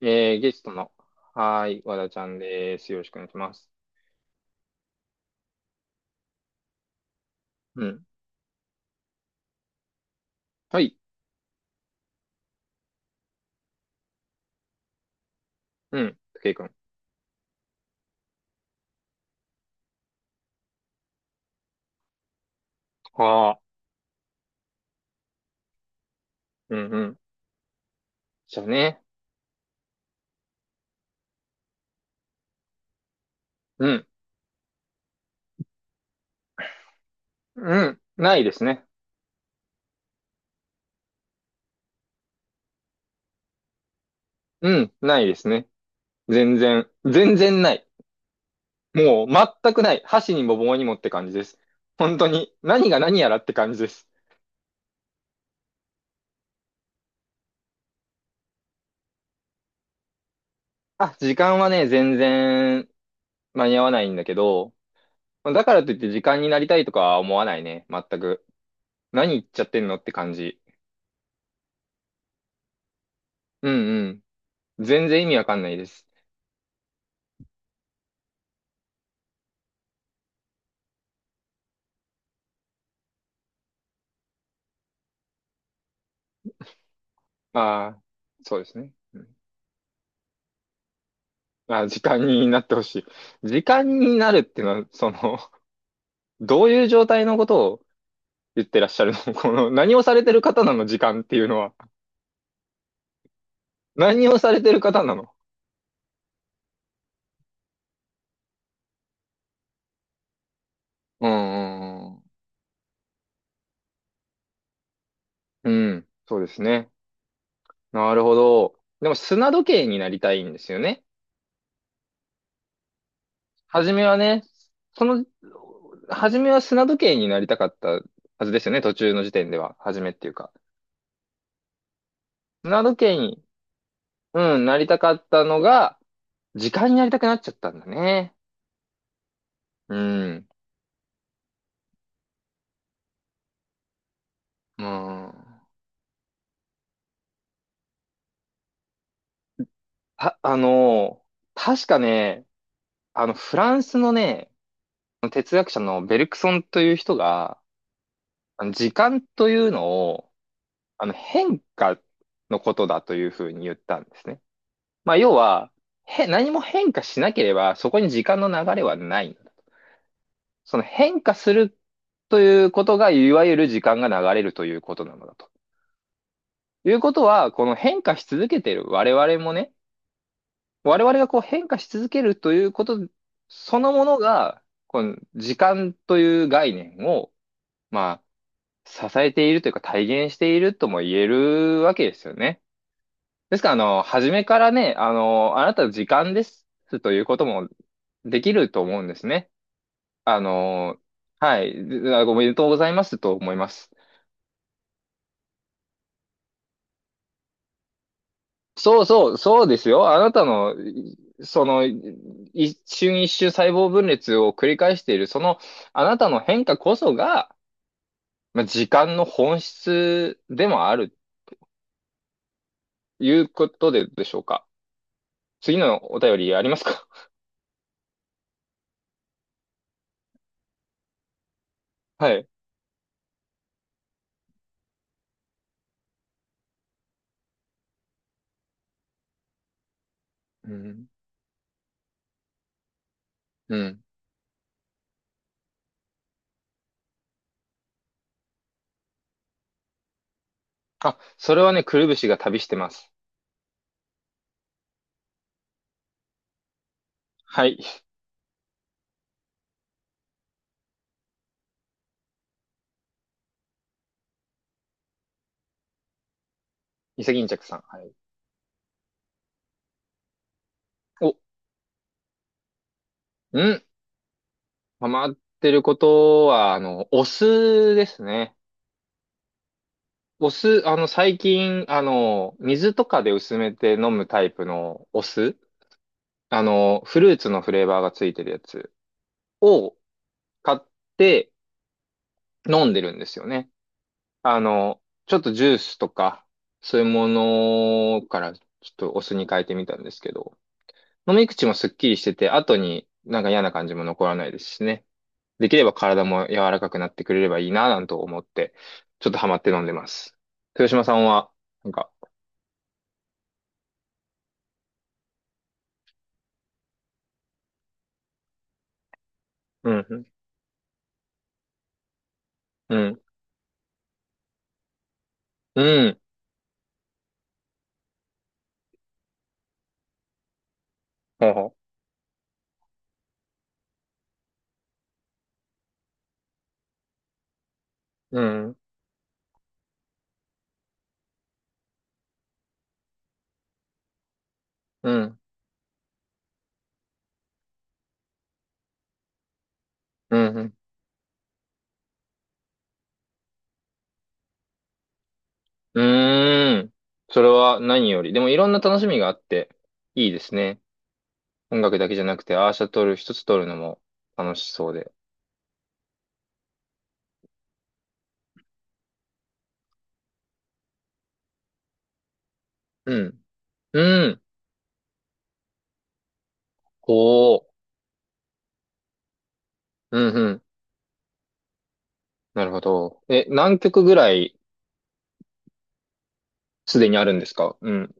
ゲストの、はーい、和田ちゃんです。よろしくお願いします。うん。はい。うん。武井くん。ああ。うんうん。じゃあね。うん。うん。ないですね。うん。ないですね。全然。全然ない。もう、全くない。箸にも棒にもって感じです。本当に。何が何やらって感じです。あ、時間はね、全然間に合わないんだけど、だからといって時間になりたいとかは思わないね。全く。何言っちゃってんのって感じ。うんうん。全然意味わかんないです。ああ、そうですね。うん、まあ時間になってほしい。時間になるっていうのは、その、どういう状態のことを言ってらっしゃるの この、何をされてる方なの？時間っていうのは。何をされてる方なの？うんうんうん。うん、そうですね。なるほど。でも、砂時計になりたいんですよね。初めはね、その、初めは砂時計になりたかったはずですよね。途中の時点では。初めっていうか。砂時計に、うん、なりたかったのが、時間になりたくなっちゃったんだね。うん。うん。あ、確かね、フランスのね、哲学者のベルクソンという人が、あの時間というのを、変化のことだというふうに言ったんですね。まあ、要は、何も変化しなければ、そこに時間の流れはない。その変化するということが、いわゆる時間が流れるということなのだと。いうことは、この変化し続けている我々もね、我々がこう変化し続けるということそのものが、この時間という概念を、まあ、支えているというか体現しているとも言えるわけですよね。ですから、初めからね、あなたの時間ですということもできると思うんですね。あの、はい、おめでとうございますと思います。そうそう、そうですよ。あなたの、その、一瞬一瞬細胞分裂を繰り返している、その、あなたの変化こそが、まあ、時間の本質でもある、いうことで、でしょうか。次のお便りありますか？ はい。うん。うん。あ、それはね、くるぶしが旅してます。はい。伊勢銀着さん。はい。お、うん。ハマってることは、お酢ですね。お酢、最近、水とかで薄めて飲むタイプのお酢、フルーツのフレーバーがついてるやつを買って飲んでるんですよね。ちょっとジュースとか、そういうものからちょっとお酢に変えてみたんですけど、飲み口もすっきりしてて、後になんか嫌な感じも残らないですしね。できれば体も柔らかくなってくれればいいな、なんと思って、ちょっとハマって飲んでます。豊島さんは、なんか、うんうん、うんうん。はは。うん。うん。うん。うん。うーん、それは何より。でもいろんな楽しみがあって、いいですね。音楽だけじゃなくて、アーシャ撮る、一つ撮るのも楽しそうで。うん。うん。おー。うん、うん。なるほど。え、何曲ぐらいすでにあるんですか？うん。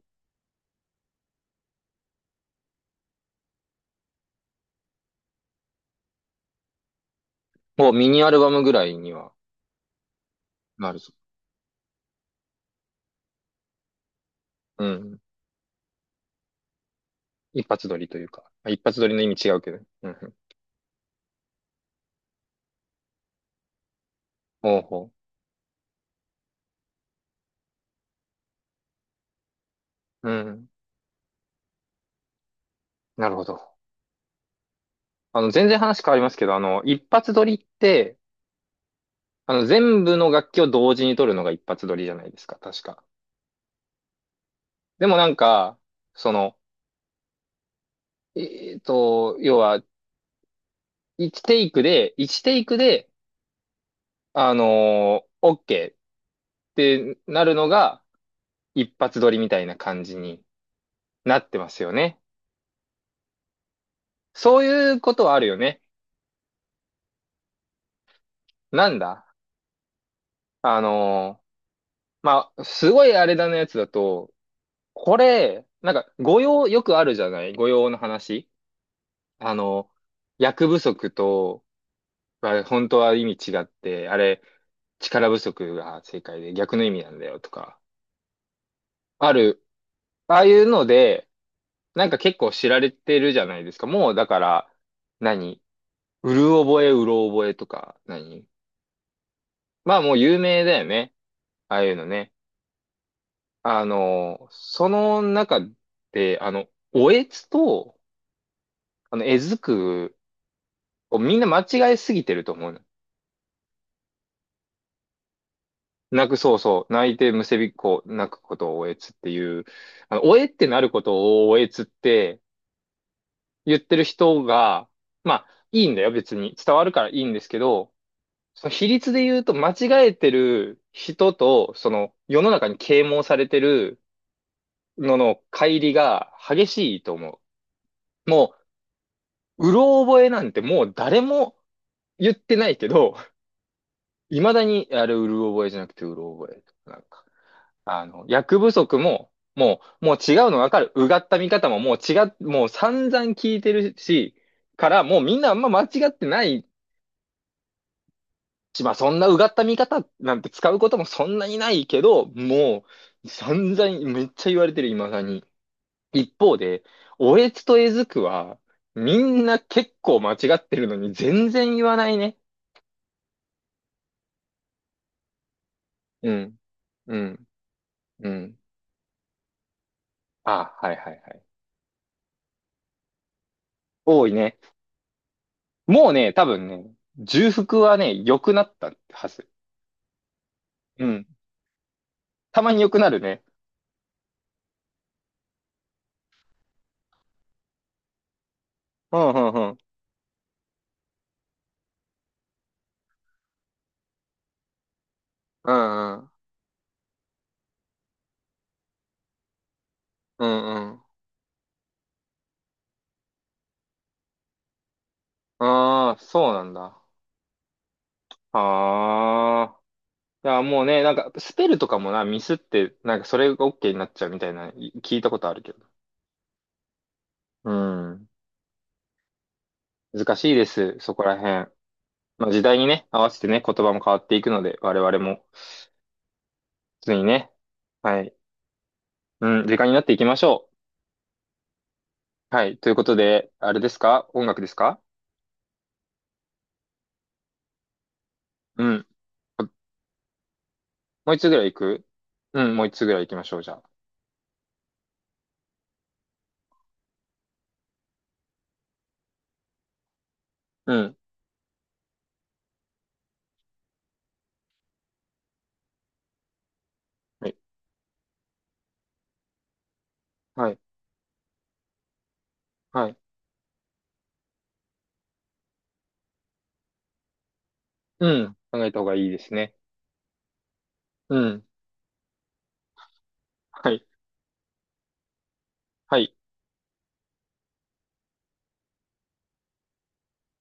もうミニアルバムぐらいにはなるぞ。うん。一発撮りというか。あ、一発撮りの意味違うけど。うん、うん。ほうほう。うん。なるほど。全然話変わりますけど、一発撮りって、全部の楽器を同時に取るのが一発撮りじゃないですか、確か。でもなんか、その、えっと、要は、1テイクで、1テイクで、OK ってなるのが一発撮りみたいな感じになってますよね。そういうことはあるよね。なんだ、あのー、まあ、すごいあれだなやつだと、これ、なんか、誤用、よくあるじゃない誤用の話。あの、役不足と、は本当は意味違って、あれ、力不足が正解で逆の意味なんだよとか、ある、ああいうので、なんか結構知られてるじゃないですか。もうだから、何、うる覚え、うろ覚えとか、何、まあもう有名だよね。ああいうのね。その中で、おえつと、えずくをみんな間違えすぎてると思う。泣く、そうそう。泣いてむせびっこ、泣くことをおえつっていう、おえってなることをおえつって言ってる人が、まあ、いいんだよ、別に。伝わるからいいんですけど、その比率で言うと間違えてる人と、その世の中に啓蒙されてるのの乖離が激しいと思う。う、うろ覚えなんてもう誰も言ってないけど、未だに、あれ、うる覚えじゃなくてうろ覚え。なんか、役不足も、もう違うの分かる。うがった見方ももう違っ、もう散々聞いてるし、から、もうみんなあんま間違ってないし、まあそんなうがった見方なんて使うこともそんなにないけど、もう散々めっちゃ言われてる、今さに。一方で、おえつとえずくは、みんな結構間違ってるのに全然言わないね。うん。うん。うん。あ、はいはいはい。多いね。もうね、多分ね、重複はね、良くなったはず。うん。たまに良くなるね。うんうんうん。うんうん。うんうん。ああ、そうなんだ。ああ。いや、もうね、なんか、スペルとかもな、ミスって、なんか、それが OK になっちゃうみたいな、聞いたことあるけど。うん。難しいです、そこら辺。まあ、時代にね、合わせてね、言葉も変わっていくので、我々も、普通にね、はい。うん、時間になっていきましょう。はい。ということで、あれですか？音楽ですか？うん。もう一つぐらい行く？うん、もう一つぐらい行きましょう、じゃあ。うん。はい。はい。はい。うん。考えた方がいいですね。うん。はい。はい。